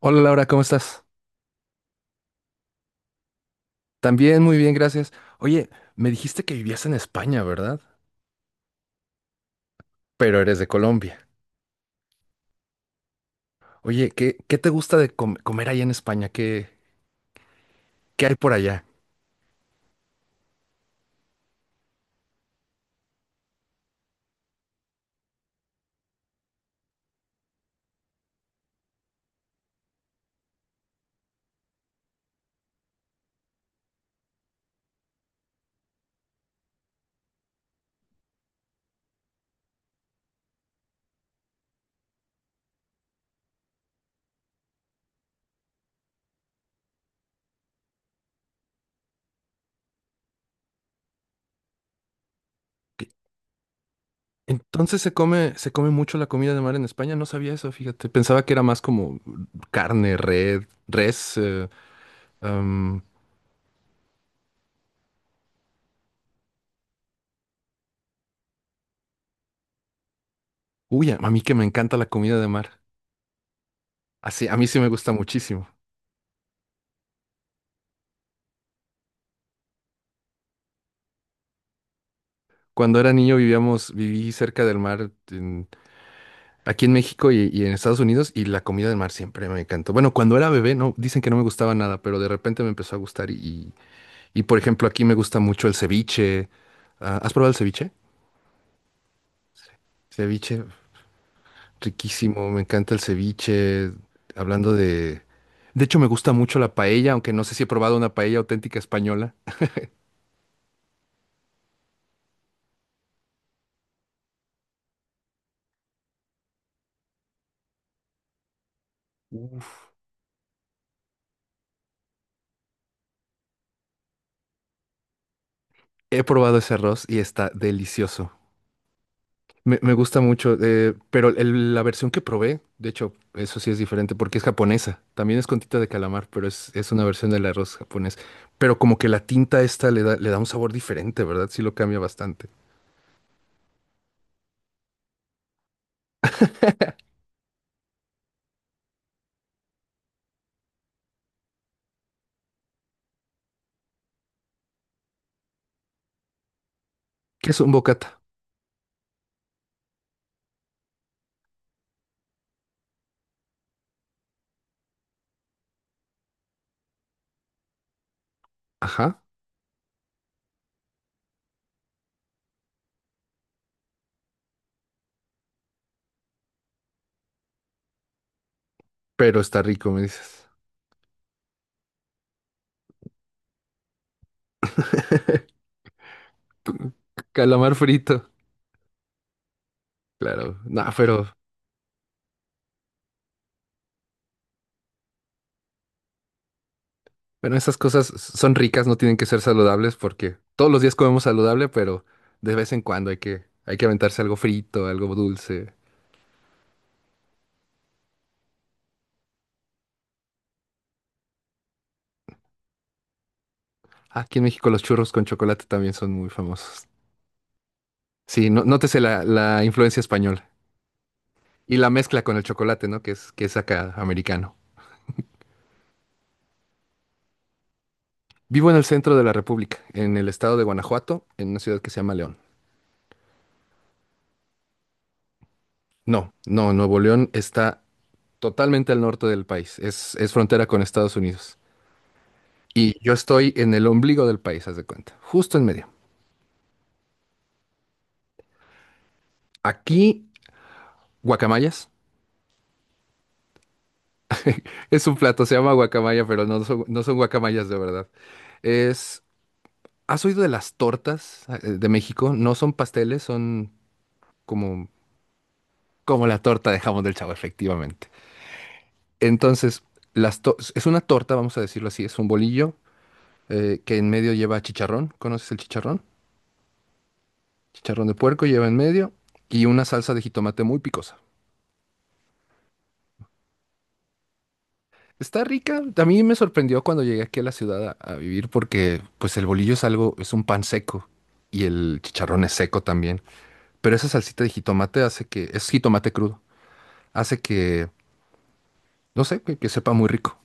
Hola Laura, ¿cómo estás? También muy bien, gracias. Oye, me dijiste que vivías en España, ¿verdad? Pero eres de Colombia. Oye, ¿qué te gusta de comer allá en España? ¿Qué, qué hay por allá? ¿Qué- entonces se come mucho la comida de mar en España. No sabía eso, fíjate. Pensaba que era más como carne, red, res. Am, Uy, a mí que me encanta la comida de mar. Así, a mí sí me gusta muchísimo. Cuando era niño vivíamos, viví cerca del mar aquí en México y en Estados Unidos, y la comida de mar siempre me encantó. Bueno, cuando era bebé, no, dicen que no me gustaba nada, pero de repente me empezó a gustar y por ejemplo, aquí me gusta mucho el ceviche. Ah, ¿has probado el ceviche? Ceviche, riquísimo, me encanta el ceviche. Hablando de... De hecho, me gusta mucho la paella, aunque no sé si he probado una paella auténtica española. Uf. He probado ese arroz y está delicioso. Me gusta mucho, pero la versión que probé, de hecho, eso sí es diferente porque es japonesa. También es con tinta de calamar, pero es una versión del arroz japonés. Pero como que la tinta esta le da un sabor diferente, ¿verdad? Sí lo cambia bastante. ¿Qué es un bocata? Ajá, pero está rico, me dices. Calamar frito, claro. No, pero bueno, esas cosas son ricas, no tienen que ser saludables porque todos los días comemos saludable, pero de vez en cuando hay que aventarse algo frito, algo dulce. Aquí en México los churros con chocolate también son muy famosos. Sí, no, nótese la influencia española y la mezcla con el chocolate, ¿no? Que es acá americano. Vivo en el centro de la República, en el estado de Guanajuato, en una ciudad que se llama León. No, no, Nuevo León está totalmente al norte del país, es frontera con Estados Unidos. Y yo estoy en el ombligo del país, haz de cuenta, justo en medio. Aquí, guacamayas. Es un plato, se llama guacamaya, pero no son, no son guacamayas de verdad. Es... ¿Has oído de las tortas ah, de México? No son pasteles, son como, como la torta de jamón del Chavo, efectivamente. Entonces, las es una torta, vamos a decirlo así, es un bolillo que en medio lleva chicharrón. ¿Conoces el chicharrón? Chicharrón de puerco lleva en medio y una salsa de jitomate muy picosa. Está rica. A mí me sorprendió cuando llegué aquí a la ciudad a vivir porque pues el bolillo es algo, es un pan seco y el chicharrón es seco también. Pero esa salsita de jitomate hace que, es jitomate crudo, hace que... No sé, que sepa muy rico,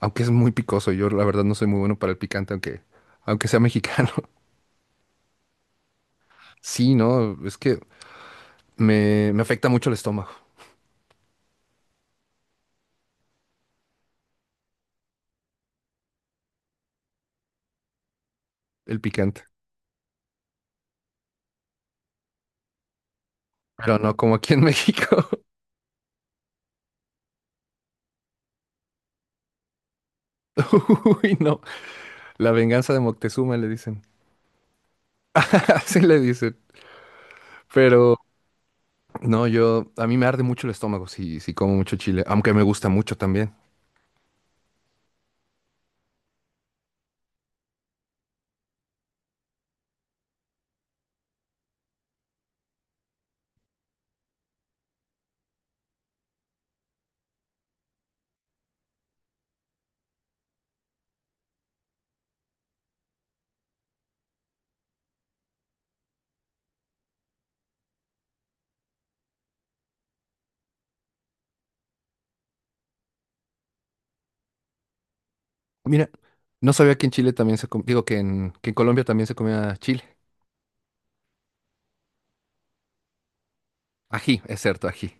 aunque es muy picoso. Yo la verdad no soy muy bueno para el picante, aunque, aunque sea mexicano. Sí, no, es que me afecta mucho el estómago, el picante. Pero no como aquí en México. Uy, no. La venganza de Moctezuma le dicen. Así le dicen. Pero no, yo, a mí me arde mucho el estómago si, si como mucho chile, aunque me gusta mucho también. Mira, no sabía que en Chile también se, digo que en Colombia también se comía chile. Ají, es cierto, ají.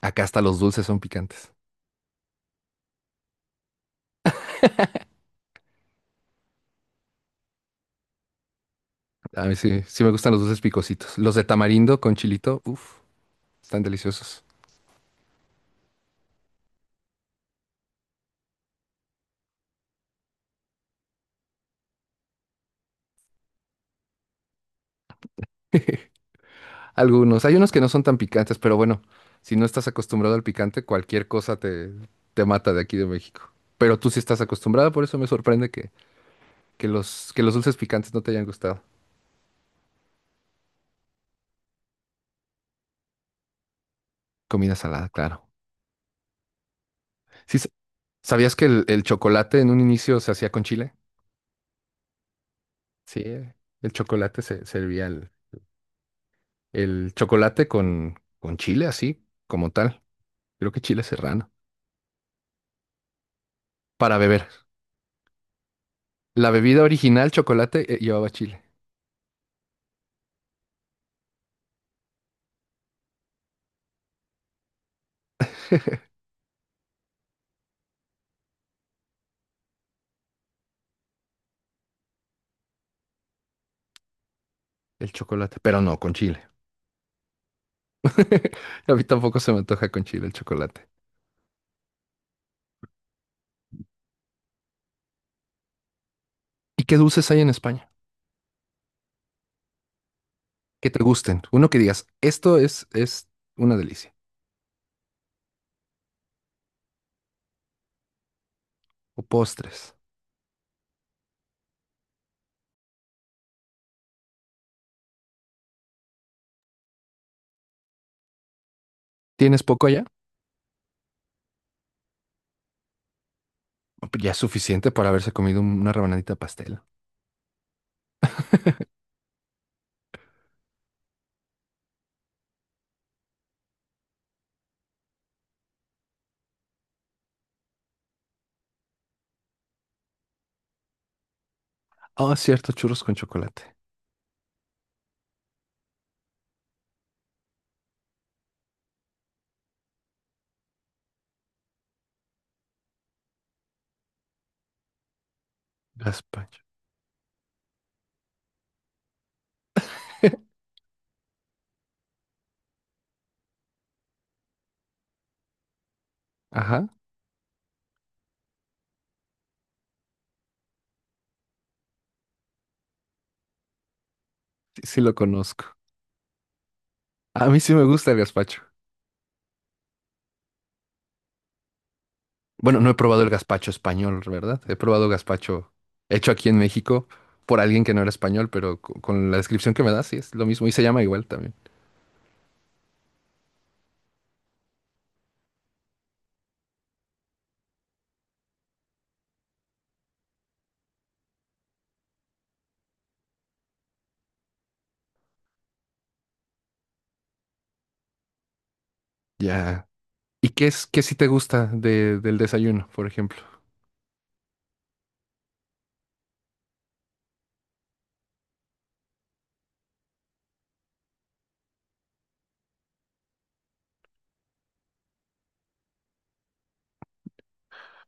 Acá hasta los dulces son picantes. A mí sí, sí me gustan los dulces picositos. Los de tamarindo con chilito, uff, están deliciosos. Algunos, hay unos que no son tan picantes, pero bueno, si no estás acostumbrado al picante, cualquier cosa te, te mata de aquí de México. Pero tú sí estás acostumbrada, por eso me sorprende que los dulces picantes no te hayan gustado. Comida salada, claro. Sí, ¿sabías que el chocolate en un inicio se hacía con chile? Sí, el chocolate se servía el chocolate con chile, así como tal. Creo que chile serrano. Para beber. La bebida original, chocolate, llevaba chile. El chocolate, pero no con chile. A mí tampoco se me antoja con chile el chocolate. ¿Y qué dulces hay en España? Que te gusten. Uno que digas, esto es una delicia. O postres. ¿Tienes poco allá? Ya es suficiente para haberse comido una rebanadita de pastel. Ah, cierto, churros con chocolate. Gazpacho. Ajá, sí, sí lo conozco. A mí sí me gusta el gazpacho. Bueno, no he probado el gazpacho español, ¿verdad? He probado gazpacho hecho aquí en México por alguien que no era español, pero con la descripción que me das, sí es lo mismo y se llama igual también. Ya. ¿Y qué es, qué sí te gusta del desayuno, por ejemplo?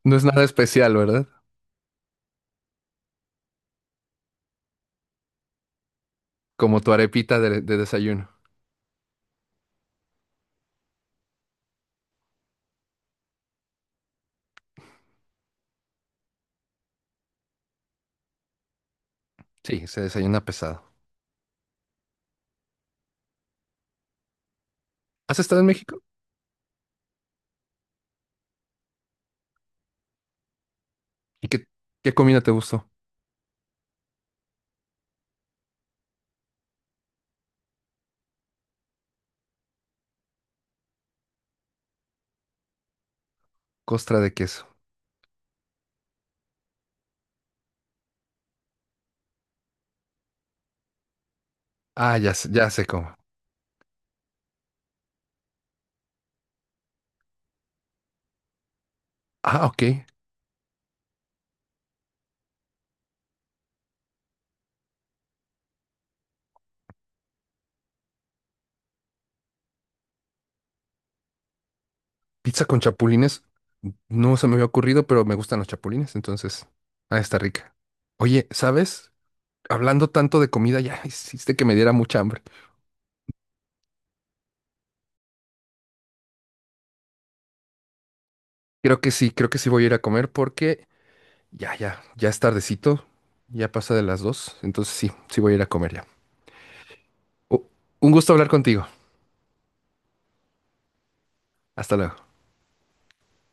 No es nada especial, ¿verdad? Como tu arepita de desayuno. Sí, se desayuna pesado. ¿Has estado en México? ¿Y qué, qué comida te gustó? Costra de queso. Ah, ya, ya sé cómo. Ah, ok. Pizza con chapulines, no se me había ocurrido, pero me gustan los chapulines, entonces, ah, está rica. Oye, ¿sabes? Hablando tanto de comida, ya hiciste que me diera mucha hambre. Creo que sí voy a ir a comer porque ya, ya, ya es tardecito, ya pasa de las 2, entonces sí, sí voy a ir a comer ya. U- un gusto hablar contigo. Hasta luego.